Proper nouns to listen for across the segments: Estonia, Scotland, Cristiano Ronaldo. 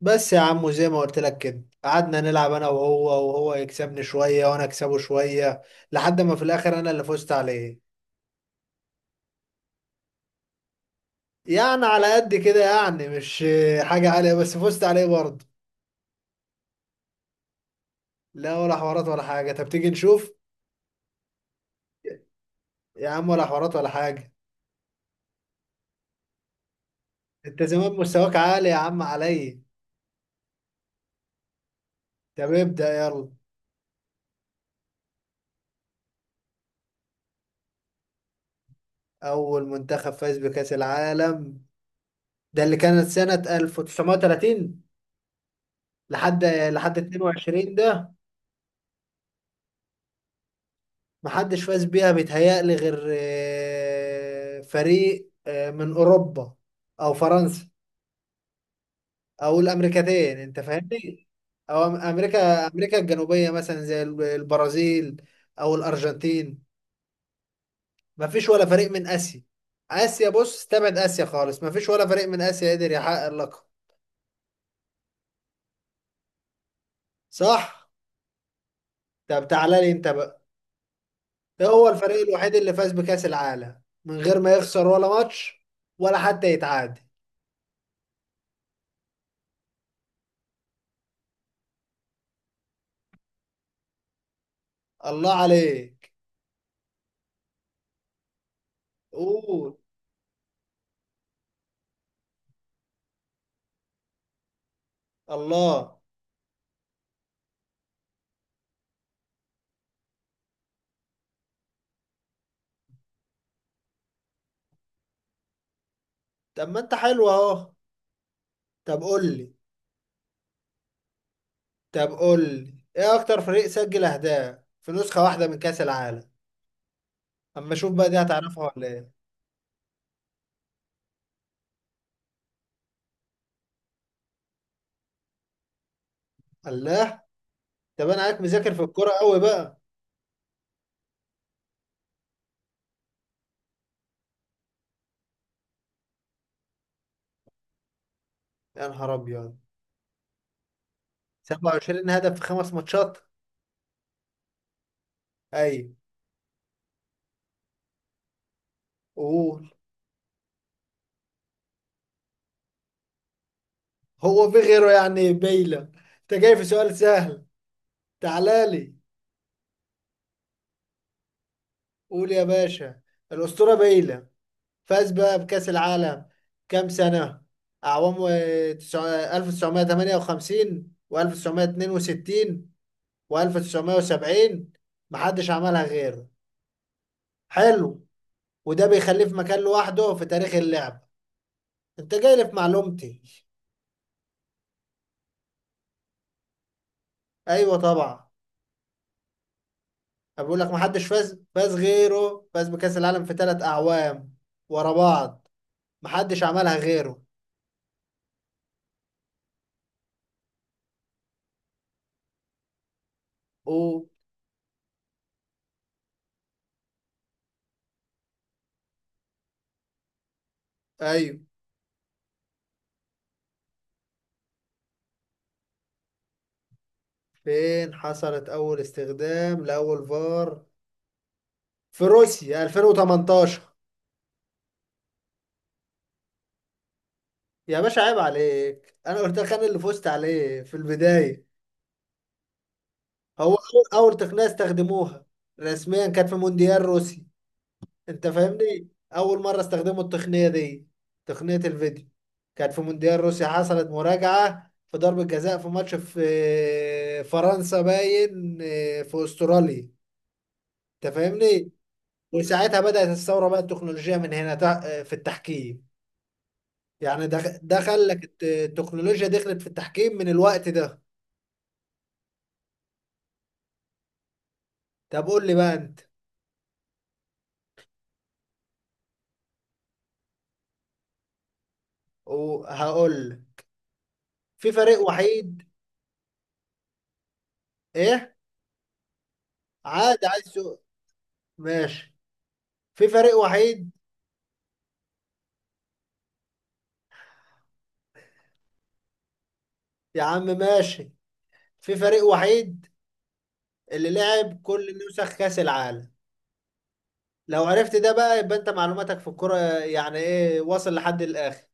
بس يا عم، وزي ما قلت لك كده، قعدنا نلعب انا وهو، وهو يكسبني شوية وانا اكسبه شوية، لحد ما في الاخر انا اللي فزت عليه. يعني على قد كده يعني، مش حاجة عالية، بس فزت عليه برضه. لا، ولا حوارات ولا حاجة. طب تيجي نشوف. يا عم، ولا حوارات ولا حاجة. انت زمان مستواك عالي يا عم عليا. طب ابدأ يلا. اول منتخب فاز بكأس العالم ده اللي كانت سنة 1930 لحد 22 ده. محدش فاز بيها بيتهيألي غير فريق من أوروبا أو فرنسا أو الأمريكتين، أنت فاهمني؟ أو أمريكا الجنوبية مثلا، زي البرازيل أو الأرجنتين. مفيش ولا فريق من آسيا. آسيا بص، استبعد آسيا خالص، مفيش ولا فريق من آسيا قدر يحقق اللقب. صح؟ طب تعالى لي أنت بقى. ده هو الفريق الوحيد اللي فاز بكأس العالم من غير ما يخسر ولا ماتش ولا حتى يتعادل. الله عليك. قول. الله. طب ما انت حلو اهو. طب قول لي. طب قول لي، ايه اكتر فريق سجل اهداف في نسخة واحدة من كأس العالم؟ اما اشوف بقى دي هتعرفها ولا ايه. الله. طب انا عارف مذاكر في الكورة قوي بقى. يا نهار ابيض، 27 هدف في خمس ماتشات. ايوه. قول. هو في غيره يعني، بيلا؟ انت جاي في سؤال سهل. تعالى لي. قول يا باشا. الأسطورة بيلا فاز بقى بكأس العالم كام سنة أعوام 1958 و1962 و1970. محدش عملها غيره. حلو. وده بيخليه في مكان لوحده في تاريخ اللعبة. انت جاي لي في معلومتي. ايوه طبعا. أنا بقول لك، محدش فاز غيره فاز بكأس العالم في 3 أعوام ورا بعض. محدش عملها غيره. او. ايوه. فين حصلت اول استخدام لاول فار؟ في روسيا 2018. يا باشا عيب عليك، انا قلت لك انا اللي فزت عليه في البدايه. هو اول تقنيه استخدموها رسميا كانت في مونديال روسي. انت فاهمني؟ اول مره استخدموا التقنيه دي، تقنيه الفيديو، كانت في مونديال روسيا. حصلت مراجعه في ضربه جزاء في ماتش، في فرنسا باين، في استراليا. انت فاهمني؟ وساعتها بدات الثوره بقى، التكنولوجيا من هنا في التحكيم. يعني ده خلك التكنولوجيا دخلت في التحكيم من الوقت ده. طب قول لي بقى انت. وهقول لك. في فريق وحيد. ايه. عادي، عايز سؤال. ماشي. في فريق وحيد. يا عم ماشي. في فريق وحيد اللي لعب كل نسخ كأس العالم. لو عرفت ده بقى، يبقى انت معلوماتك في الكرة يعني ايه، واصل لحد الاخر.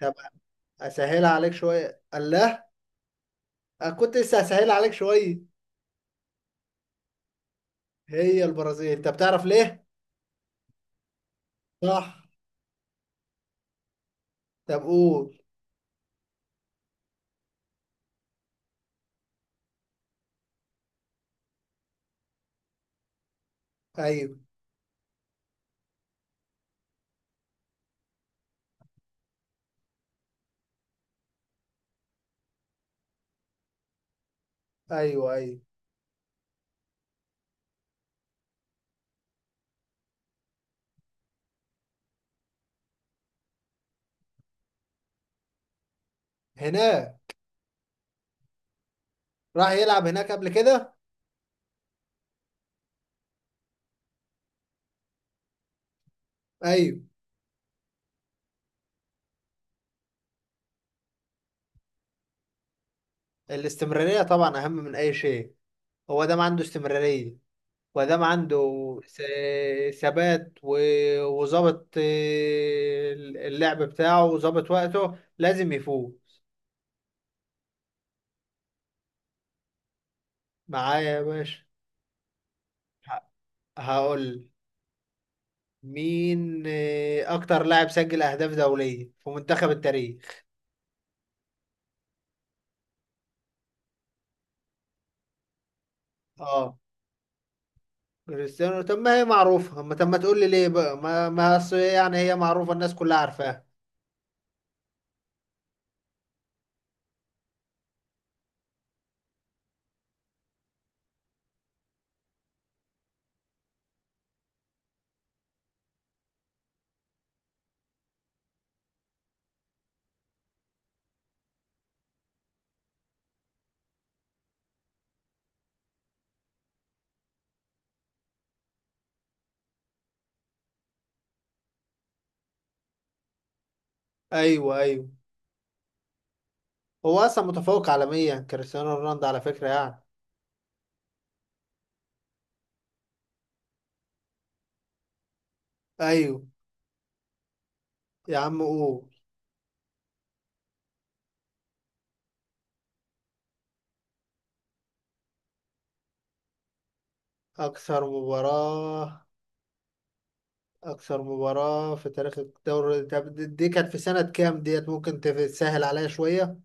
طب اسهلها عليك شوية. الله. أنا كنت لسه هسهلها عليك شوية. هي البرازيل، انت بتعرف ليه؟ صح. طب قول. ايوه، ايوه، ايوه. هناك. راح يلعب هناك قبل كده. ايوه. الاستمرارية طبعا اهم من اي شيء. هو ده ما عنده استمرارية، وده ما عنده. ثبات و وظبط اللعب بتاعه، وظبط وقته، لازم يفوز. معايا يا باشا. ه- هقول مين اكتر لاعب سجل اهداف دولية في منتخب التاريخ؟ اه. كريستيانو. طب ما هي معروفة، ما طب ما تقول لي ليه بقى، ما أصل يعني هي معروفة، الناس كلها عارفاها. ايوه ايوه، هو اصلا متفوق عالميا كريستيانو رونالدو على فكرة يعني. ايوه. يا عم قول. اكثر مباراة. اكثر مباراة في تاريخ الدوري، طب دي كانت في سنة كام؟ ديت ممكن تسهل عليا شوية.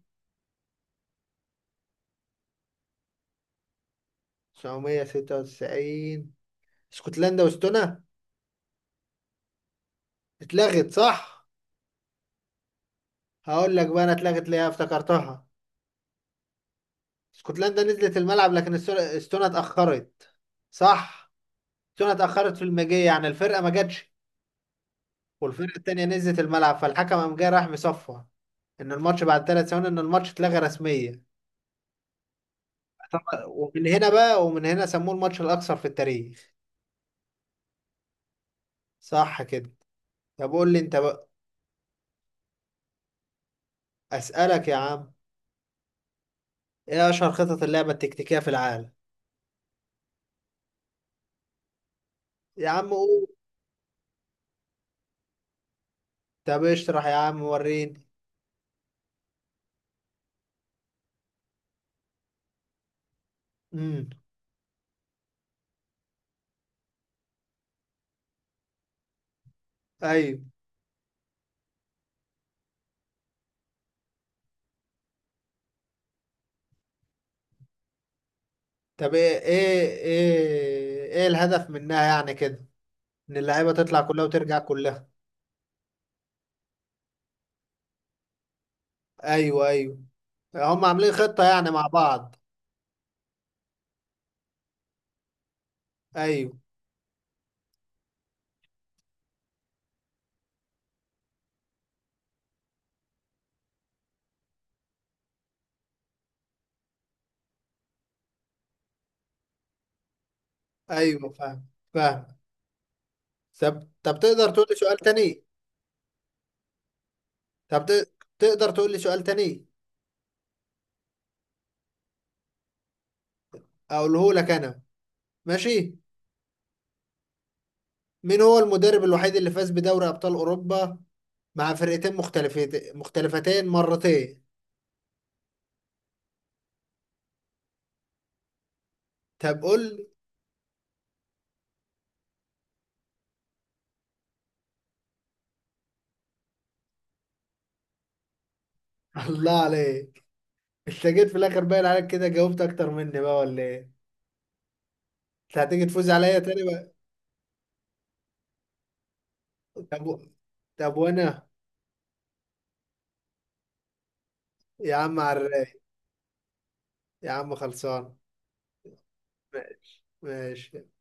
996. اسكتلندا واستونا؟ اتلغت، صح؟ هقول لك بقى انا اتلغت ليه، افتكرتها. اسكتلندا نزلت الملعب، لكن استونا اتأخرت. صح. استونا اتأخرت في المجيء، يعني الفرقة ما جاتش، والفرقه التانيه نزلت الملعب، فالحكم قام جاي راح مصفى ان الماتش بعد 3 ثواني، ان الماتش اتلغى رسميا. طب- ومن هنا سموه الماتش الاكثر في التاريخ. صح كده؟ طب قول لي انت بقى. اسالك يا عم؟ ايه اشهر خطط اللعبه التكتيكيه في العالم؟ يا عم قول. طب اشرح يا عم وريني. امم. ايوه. طب ايه الهدف منها يعني كده، ان اللعيبه تطلع كلها وترجع كلها؟ ايوه ايوه. هم عاملين خطه يعني مع بعض. ايوه ايوه. فاهم. فاهم. طب تقدر تقول لي سؤال تاني؟ طب ت- تقدر تقول لي سؤال تاني؟ اقوله لك انا. ماشي. مين هو المدرب الوحيد اللي فاز بدوري ابطال اوروبا مع فرقتين مختلفتين مرتين؟ طب قول لي. الله عليك. انت جيت في الاخر باين عليك كده، جاوبت اكتر مني بقى ولا ايه؟ انت هتيجي تفوز عليا تاني بقى؟ طب و- طب وانا. يا عم عراف. يا عم خلصان. ماشي.